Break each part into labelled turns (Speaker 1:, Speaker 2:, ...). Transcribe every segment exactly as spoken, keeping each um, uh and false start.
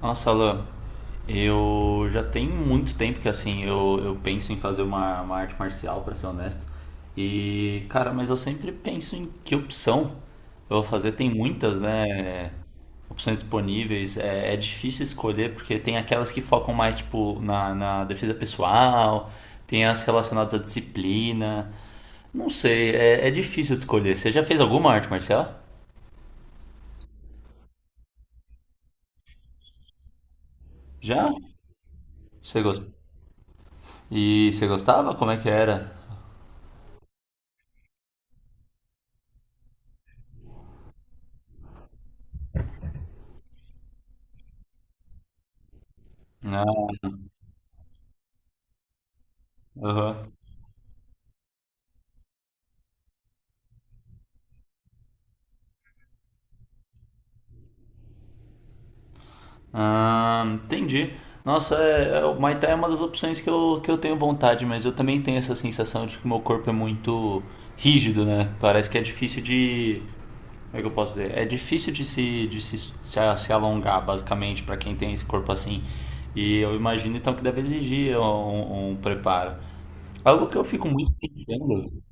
Speaker 1: Nossa, Alan, eu já tem muito tempo que assim eu, eu penso em fazer uma, uma arte marcial, pra ser honesto. E, cara, mas eu sempre penso em que opção eu vou fazer. Tem muitas, né? Opções disponíveis. É, é difícil escolher porque tem aquelas que focam mais tipo na, na defesa pessoal, tem as relacionadas à disciplina. Não sei, é, é difícil de escolher. Você já fez alguma arte marcial? Já? Você gostou? E você gostava? Como é que era? Né? Aham. Ah, entendi. Nossa, é, é, o Muay Thai é uma das opções que eu, que eu tenho vontade, mas eu também tenho essa sensação de que meu corpo é muito rígido, né? Parece que é difícil de. Como é que eu posso dizer? É difícil de se, de se, se, a- se alongar, basicamente, pra quem tem esse corpo assim. E eu imagino então que deve exigir um, um um preparo. Algo que eu fico muito pensando.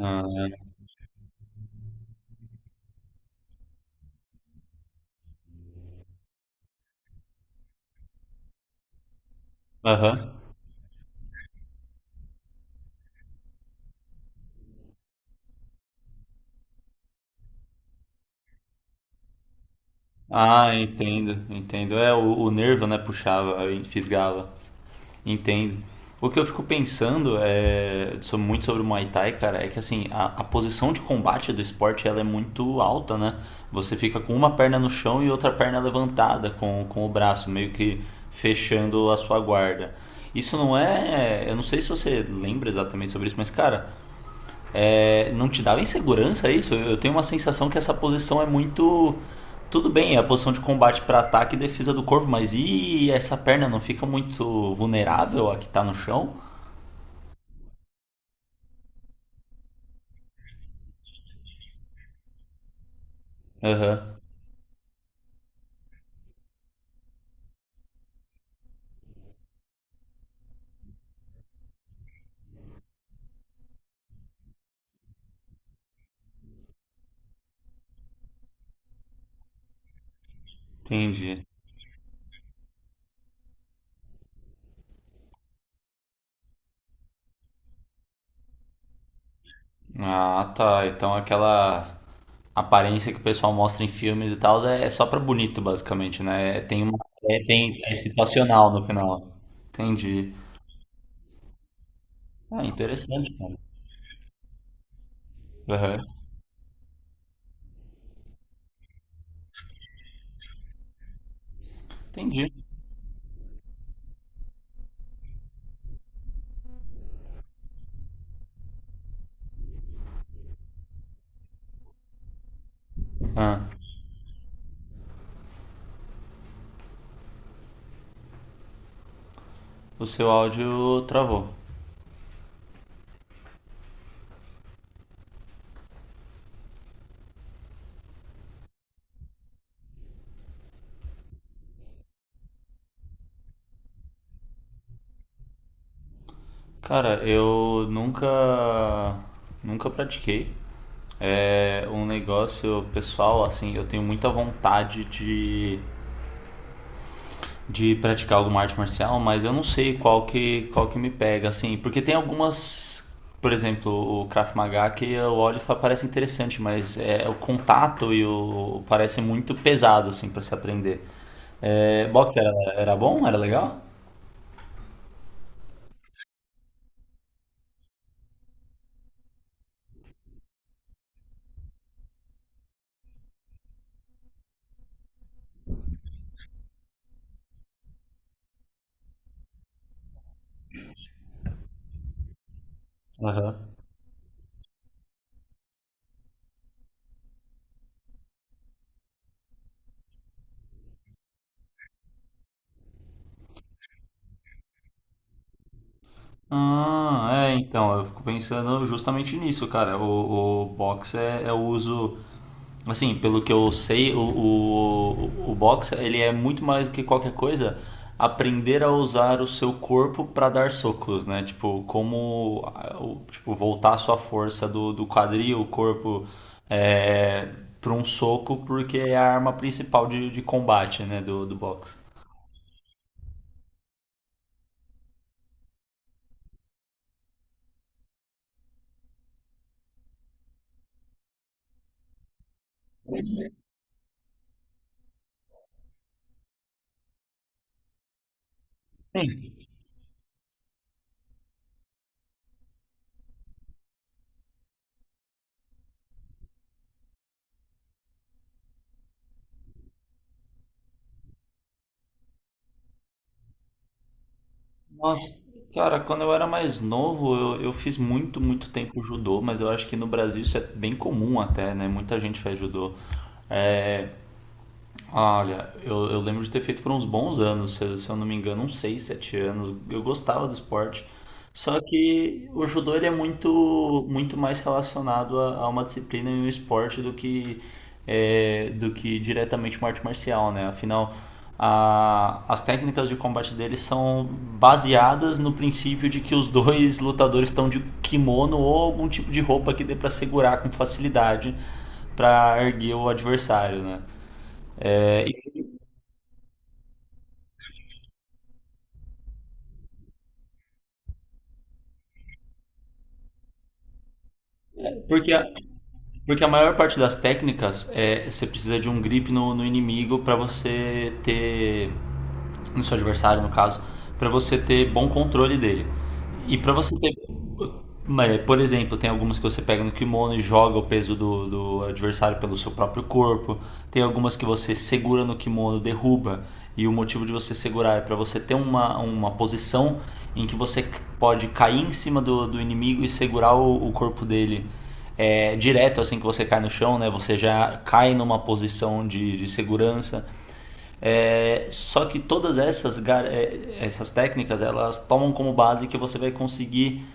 Speaker 1: Ah, aham. Ah, entendo, entendo. É, o, o nervo, né, puxava, fisgava. Entendo. O que eu fico pensando é, sobre- muito sobre o Muay Thai, cara, é que assim, a, a posição de combate do esporte ela é muito alta, né? Você fica com uma perna no chão e outra perna levantada com, com o braço, meio que fechando a sua guarda. Isso não é. Eu não sei se você lembra exatamente sobre isso, mas, cara, é, não te dava insegurança isso? Eu tenho uma sensação que essa posição é muito. Tudo bem, é a posição de combate para ataque e defesa do corpo, mas e essa perna não fica muito vulnerável a que tá no chão? Aham, entendi. Ah, tá. Então aquela aparência que o pessoal mostra em filmes e tal é é só pra bonito, basicamente, né? Tem uma. É, tem, é situacional no final. Entendi. Ah, interessante, cara. Aham, entendi. Ah, o seu áudio travou. Cara, eu nunca nunca pratiquei. É um negócio pessoal, assim, eu tenho muita vontade de, de praticar alguma arte marcial, mas eu não sei qual que, qual que me pega, assim, porque tem algumas, por exemplo, o Krav Maga que eu olho e falo, parece interessante, mas é, o contato e o parece muito pesado, assim, para se aprender. É, boxe era, era bom? Era legal? Aham. Ah, é, então, eu fico pensando justamente nisso, cara. O, o box é, é o uso, assim, pelo que eu sei, o, o, o box, ele é muito mais do que qualquer coisa, aprender a usar o seu corpo para dar socos, né? Tipo, como, ah, o- tipo, voltar a sua força do, do quadril, o corpo, é, para um soco, porque é a arma principal de, de combate, né, do, do boxe. Nossa, cara, quando eu era mais novo, eu, eu fiz muito, muito tempo judô, mas eu acho que no Brasil isso é bem comum até, né? Muita gente faz judô. É, ah, olha, eu, eu lembro de ter feito por uns bons anos, se, eu se eu não me engano, uns seis, sete anos. Eu gostava do esporte. Só que o judô ele é muito, muito mais relacionado a, a uma disciplina e um esporte do que, é, do que diretamente uma arte marcial, né? Afinal, a- as técnicas de combate deles são baseadas no princípio de que os dois lutadores estão de kimono ou algum tipo de roupa que dê para segurar com facilidade para erguer o adversário, né? É, porque a, porque a maior parte das técnicas é você precisa de um grip no, no inimigo para você ter. No seu adversário, no caso, para você ter bom controle dele. E para você ter. É, por exemplo, tem algumas que você pega no kimono e joga o peso do, do adversário pelo seu próprio corpo. Tem algumas que você segura no kimono, derruba. E o motivo de você segurar é para você ter uma, uma posição em que você c- pode cair em cima do, do inimigo e segurar o o corpo dele é, direto assim que você cai no chão, né? Você já cai numa posição de, de segurança. É, só que todas essas, essas técnicas, elas tomam como base que você vai conseguir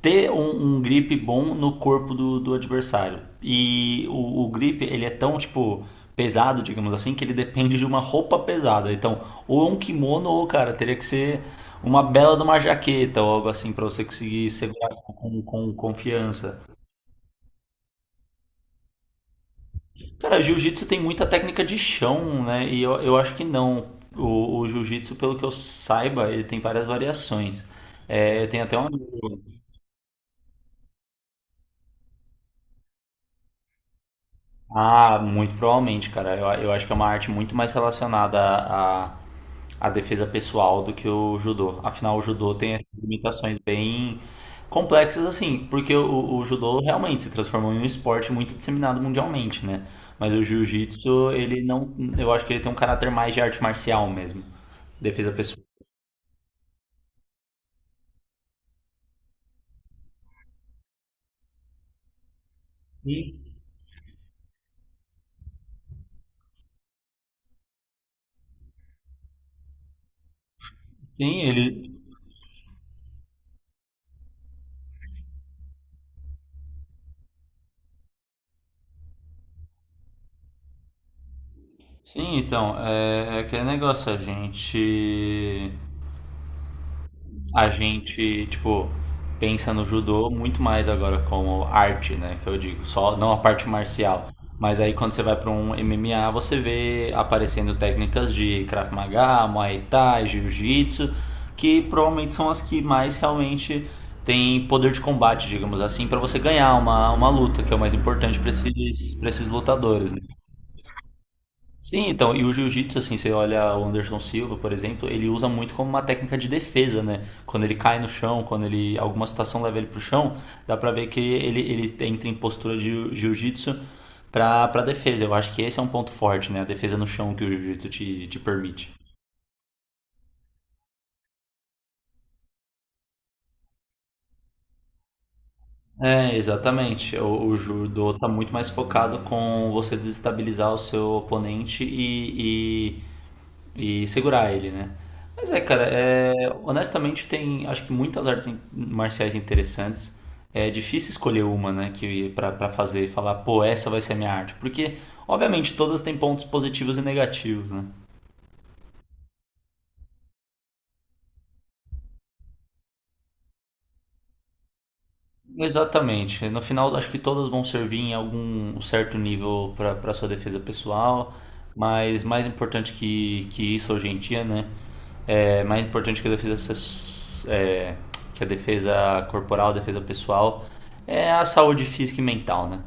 Speaker 1: ter um, um grip bom no corpo do, do adversário. E o, o grip, ele é tão, tipo, pesado, digamos assim, que ele depende de uma roupa pesada. Então, ou um kimono, ou, cara, teria que ser uma bela de uma jaqueta ou algo assim para você conseguir segurar com, com, com confiança. Cara, jiu-jitsu tem muita técnica de chão, né? E eu, eu acho que não. O, o jiu-jitsu, pelo que eu saiba, ele tem várias variações. É, eu tenho até um amigo. Ah, muito provavelmente, cara. Eu, eu acho que é uma arte muito mais relacionada à, à, defesa pessoal do que o judô. Afinal, o judô tem essas limitações bem complexas, assim, porque o, o judô realmente se transformou em um esporte muito disseminado mundialmente, né? Mas o jiu-jitsu, ele não. Eu acho que ele tem um caráter mais de arte marcial mesmo. Defesa pessoal. Sim, sim, ele. Sim, então, é, é aquele negócio, a gente. A gente, tipo, pensa no judô muito mais agora como arte, né? Que eu digo, só não a parte marcial. Mas aí quando você vai para um M M A, você vê aparecendo técnicas de Krav Maga, Muay Thai, Jiu-Jitsu, que provavelmente são as que mais realmente têm poder de combate, digamos assim, para você ganhar uma, uma luta, que é o mais importante para esses, para esses lutadores, né? Sim, então, e o jiu-jitsu, assim, você olha o Anderson Silva, por exemplo, ele usa muito como uma técnica de defesa, né? Quando ele cai no chão, quando ele alguma situação leva ele pro chão, dá pra ver que ele, ele entra em postura de jiu- jiu-jitsu pra, pra defesa. Eu acho que esse é um ponto forte, né? A defesa no chão que o jiu-jitsu te, te permite. É, exatamente. O, o judô tá muito mais focado com você desestabilizar o seu oponente e, e, e segurar ele, né? Mas é, cara, é, honestamente tem, acho que muitas artes in- marciais interessantes. É difícil escolher uma, né, que para para fazer, falar, pô, essa vai ser a minha arte, porque obviamente todas têm pontos positivos e negativos, né? Exatamente. No final, acho que todas vão servir em algum certo nível para para sua defesa pessoal, mas mais importante que, que isso hoje em dia, né? É mais importante que a defesa se- é, que a defesa corporal, a defesa pessoal, é a saúde física e mental, né?